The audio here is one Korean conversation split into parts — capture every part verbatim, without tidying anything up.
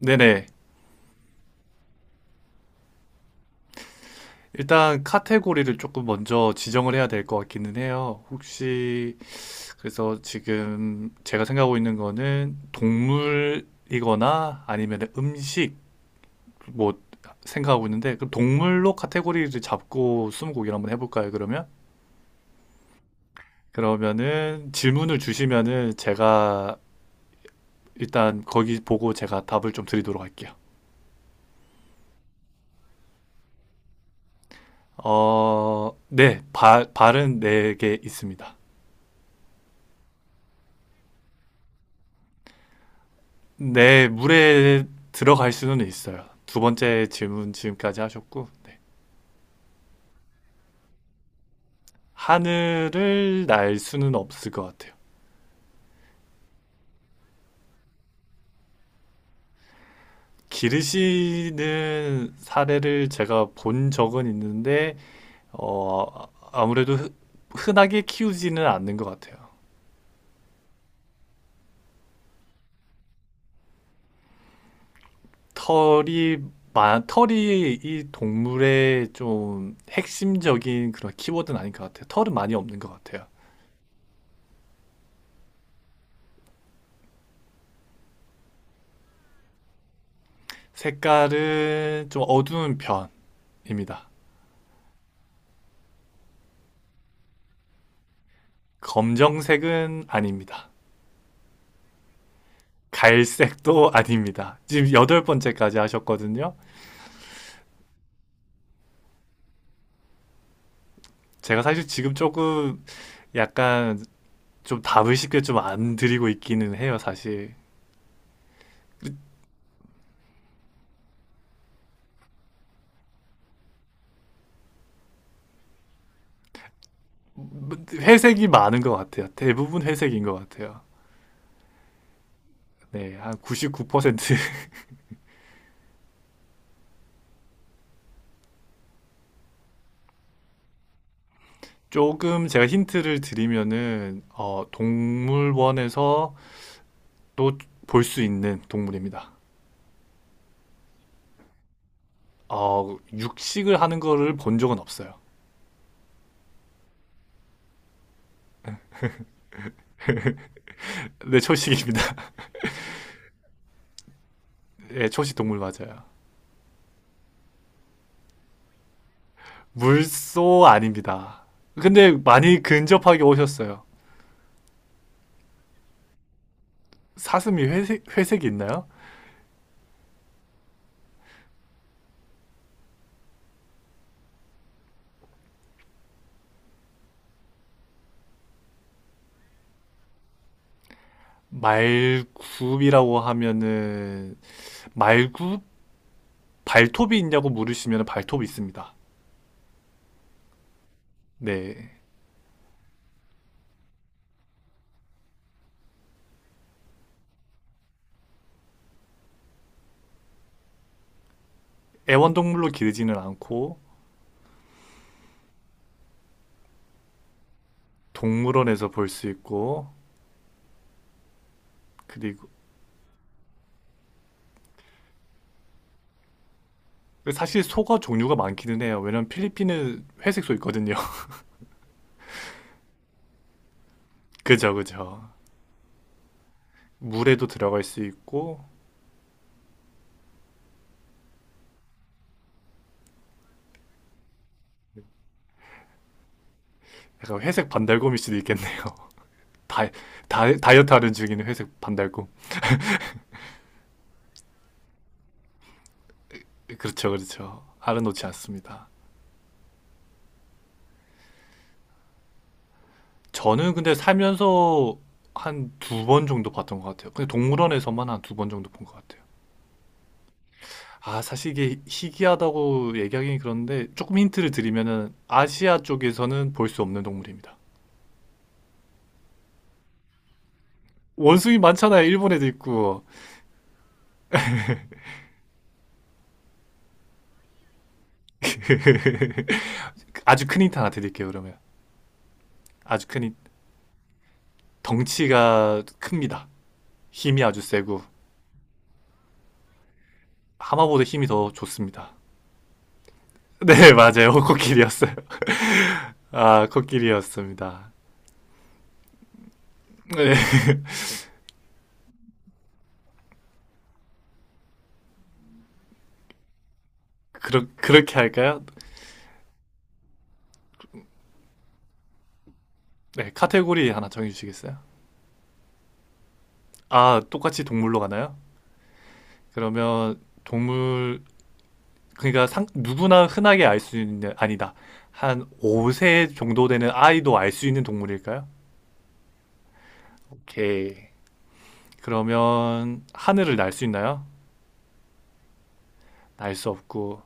네네. 일단 카테고리를 조금 먼저 지정을 해야 될 것 같기는 해요. 혹시 그래서 지금 제가 생각하고 있는 거는 동물이거나 아니면 음식 뭐 생각하고 있는데 그럼 동물로 카테고리를 잡고 스무고개를 한번 해볼까요, 그러면? 그러면은 질문을 주시면은 제가 일단 거기 보고 제가 답을 좀 드리도록 할게요. 어, 네. 발, 발은 네 개 있습니다. 네, 물에 들어갈 수는 있어요. 두 번째 질문 지금까지 하셨고, 네. 하늘을 날 수는 없을 것 같아요. 기르시는 사례를 제가 본 적은 있는데, 어, 아무래도 흔- 흔하게 키우지는 않는 것 같아요. 털이, 마- 털이 이 동물의 좀 핵심적인 그런 키워드는 아닌 것 같아요. 털은 많이 없는 것 같아요. 색깔은 좀 어두운 편입니다. 검정색은 아닙니다. 갈색도 아닙니다. 지금 여덟 번째까지 하셨거든요. 제가 사실 지금 조금 약간 좀 답을 쉽게 좀 안 드리고 있기는 해요, 사실. 회색이 많은 것 같아요. 대부분 회색인 것 같아요. 네, 한 구십구 퍼센트 조금 제가 힌트를 드리면은 어, 동물원에서 또 볼 수 있는 동물입니다. 어, 육식을 하는 거를 본 적은 없어요. 네, 초식입니다. 네, 초식 동물 맞아요. 물소 아닙니다. 근데 많이 근접하게 오셨어요. 사슴이 회색, 회색이 있나요? 말굽이라고 하면은, 말굽? 발톱이 있냐고 물으시면 발톱이 있습니다. 네. 애완동물로 기르지는 않고, 동물원에서 볼 수 있고, 그리고, 사실 소가 종류가 많기는 해요. 왜냐면 필리핀은 회색 소 있거든요. 그죠, 그죠. 물에도 들어갈 수 있고, 약간 회색 반달곰일 수도 있겠네요. 다, 다, 다이어트 하는 중인 회색 반달곰. 그렇죠, 그렇죠. 알아놓지 않습니다. 저는 근데 살면서 한 두 번 정도 봤던 것 같아요. 근데 동물원에서만 한 두 번 정도 본 것 같아요. 아, 사실 이게 희귀하다고 얘기하기는 그런데 조금 힌트를 드리면은 아시아 쪽에서는 볼 수 없는 동물입니다. 원숭이 많잖아요. 일본에도 있고. 그 아주 큰 힌트 하나 드릴게요, 그러면. 아주 큰 힌트. 덩치가 큽니다. 힘이 아주 세고. 하마보다 힘이 더 좋습니다. 네, 맞아요. 코끼리였어요. 아, 코끼리였습니다. 네, 그러, 그렇게 할까요? 네, 카테고리 하나 정해주시겠어요? 아, 똑같이 동물로 가나요? 그러면 동물, 그러니까 상, 누구나 흔하게 알 수 있는, 아니다. 한 오 세 정도 되는 아이도 알 수 있는 동물일까요? 오케이. 그러면 하늘을 날 수 있나요? 날 수 없고,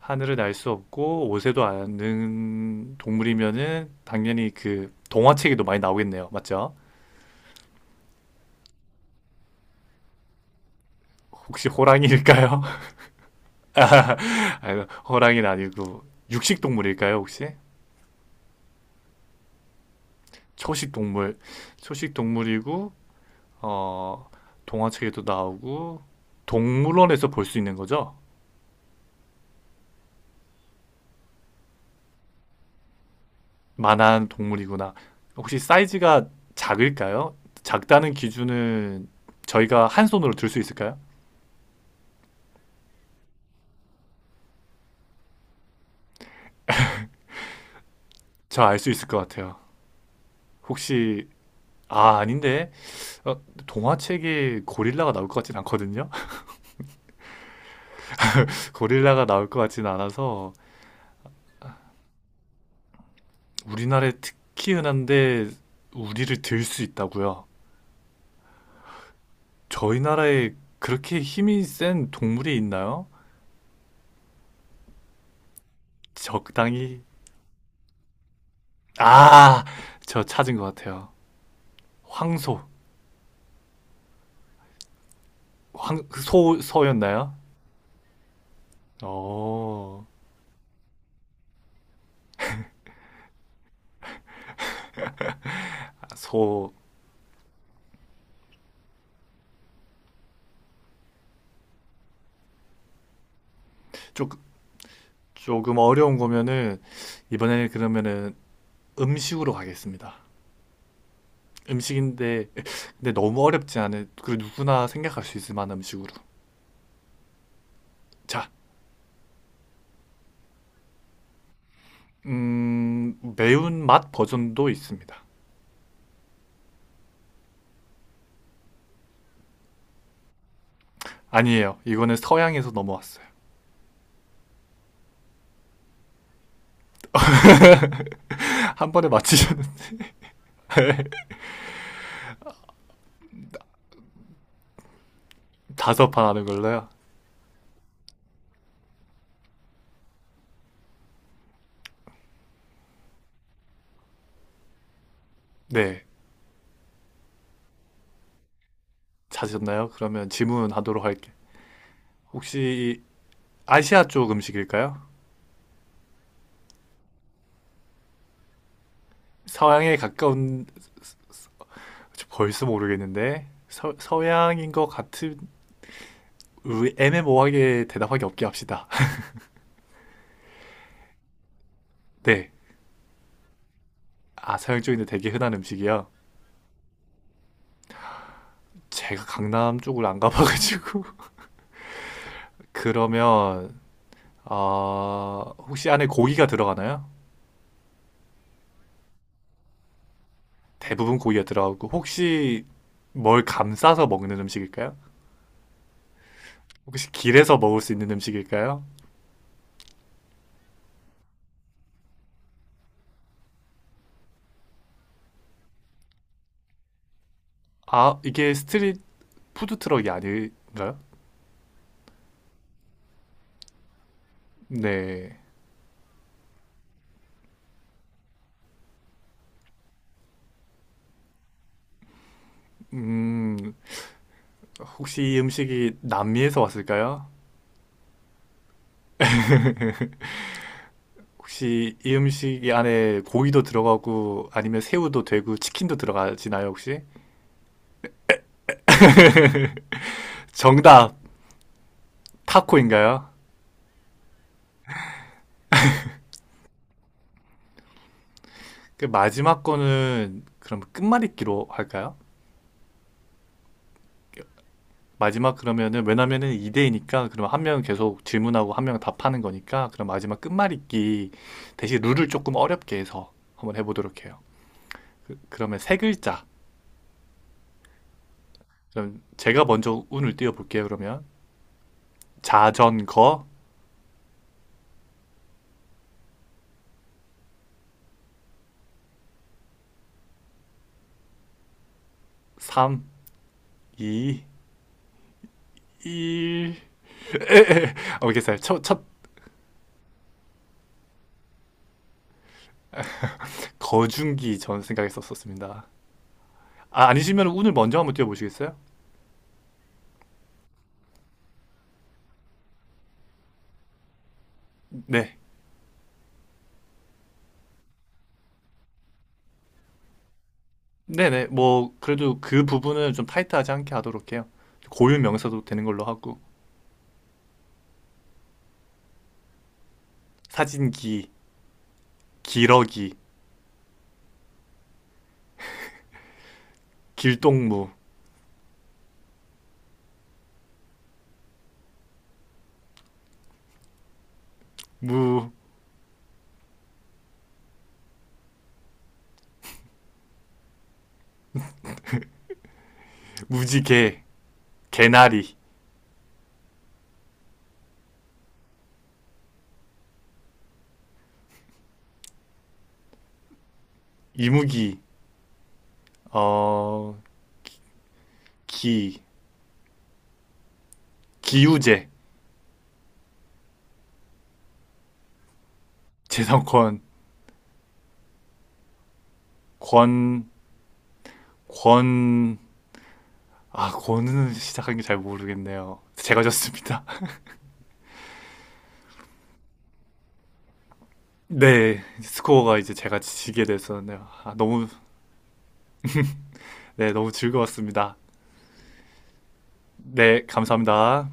하늘을 날 수 없고, 오 세도 아는 동물이면은 당연히 그 동화책에도 많이 나오겠네요. 맞죠? 혹시 호랑이일까요? 아유, 호랑이는 아니고 육식 동물일까요, 혹시? 초식 동물. 초식 동물이고 어 동화책에도 나오고 동물원에서 볼 수 있는 거죠? 만한 동물이구나. 혹시 사이즈가 작을까요? 작다는 기준은 저희가 한 손으로 들 수 있을까요? 저 알 수 있을 것 같아요. 혹시 아, 아닌데. 어, 동화책에 고릴라가 나올 것 같진 않거든요. 고릴라가 나올 것 같진 않아서 우리나라에 특히 흔한데 우리를 들 수 있다고요? 저희 나라에 그렇게 힘이 센 동물이 있나요? 적당히 아, 저 찾은 것 같아요. 황소, 황, 그 소, 소였나요? 어, 아, 소. 조, 조금 어려운 거면은 이번에는 그러면은 음식으로 가겠습니다. 음식인데 근데 너무 어렵지 않은 그리고 누구나 생각할 수 있을 만한 음식으로. 자, 음, 매운맛 버전도 있습니다. 아니에요. 이거는 서양에서 넘어왔어요. 한 번에 맞히셨는데 다섯 판 하는 걸로요. 네, 찾으셨나요? 그러면 질문하도록 할게. 혹시 아시아 쪽 음식일까요? 서양에 가까운 저 벌써 모르겠는데 서, 서양인 것 같은 애매모호하게 대답하기 없게 합시다. 네, 아 서양 쪽인데 되게 흔한 음식이요. 제가 강남 쪽을 안 가봐가지고 그러면 어... 혹시 안에 고기가 들어가나요? 대부분 고기가 들어가고 혹시 뭘 감싸서 먹는 음식일까요? 혹시 길에서 먹을 수 있는 음식일까요? 아, 이게 스트릿 푸드 트럭이 아닌가요? 네. 음, 혹시 이 음식이 남미에서 왔을까요? 혹시 이 음식 안에 고기도 들어가고 아니면 새우도 되고 치킨도 들어가지나요, 혹시? 정답, 타코인가요? 그 마지막 거는 그럼 끝말잇기로 할까요? 마지막 그러면은 왜냐면은 이 대이니까 그럼 한 명은 계속 질문하고 한 명은 답하는 거니까 그럼 마지막 끝말잇기 대신 룰을 조금 어렵게 해서 한번 해보도록 해요. 그, 그러면 세 글자. 그럼 제가 먼저 운을 띄워볼게요. 그러면 자전거 삼, 이, 일. 알겠어요. 첫, 첫 거중기 전 생각했었습니다. 아, 아니시면 운을 먼저 한번 띄워보시겠어요? 네. 네네. 뭐 그래도 그 부분은 좀 타이트하지 않게 하도록 해요. 고유 명사도 되는 걸로 하고. 사진기, 기러기, 길동무, 무, 무지개, 개나리, 이무기, 어, 기, 기우제, 재성권, 권, 권, 아, 권은 시작한 게 잘 모르겠네요. 제가 졌습니다. 네, 스코어가 이제 제가 지게 됐었네요. 아, 너무, 네, 너무 즐거웠습니다. 네, 감사합니다.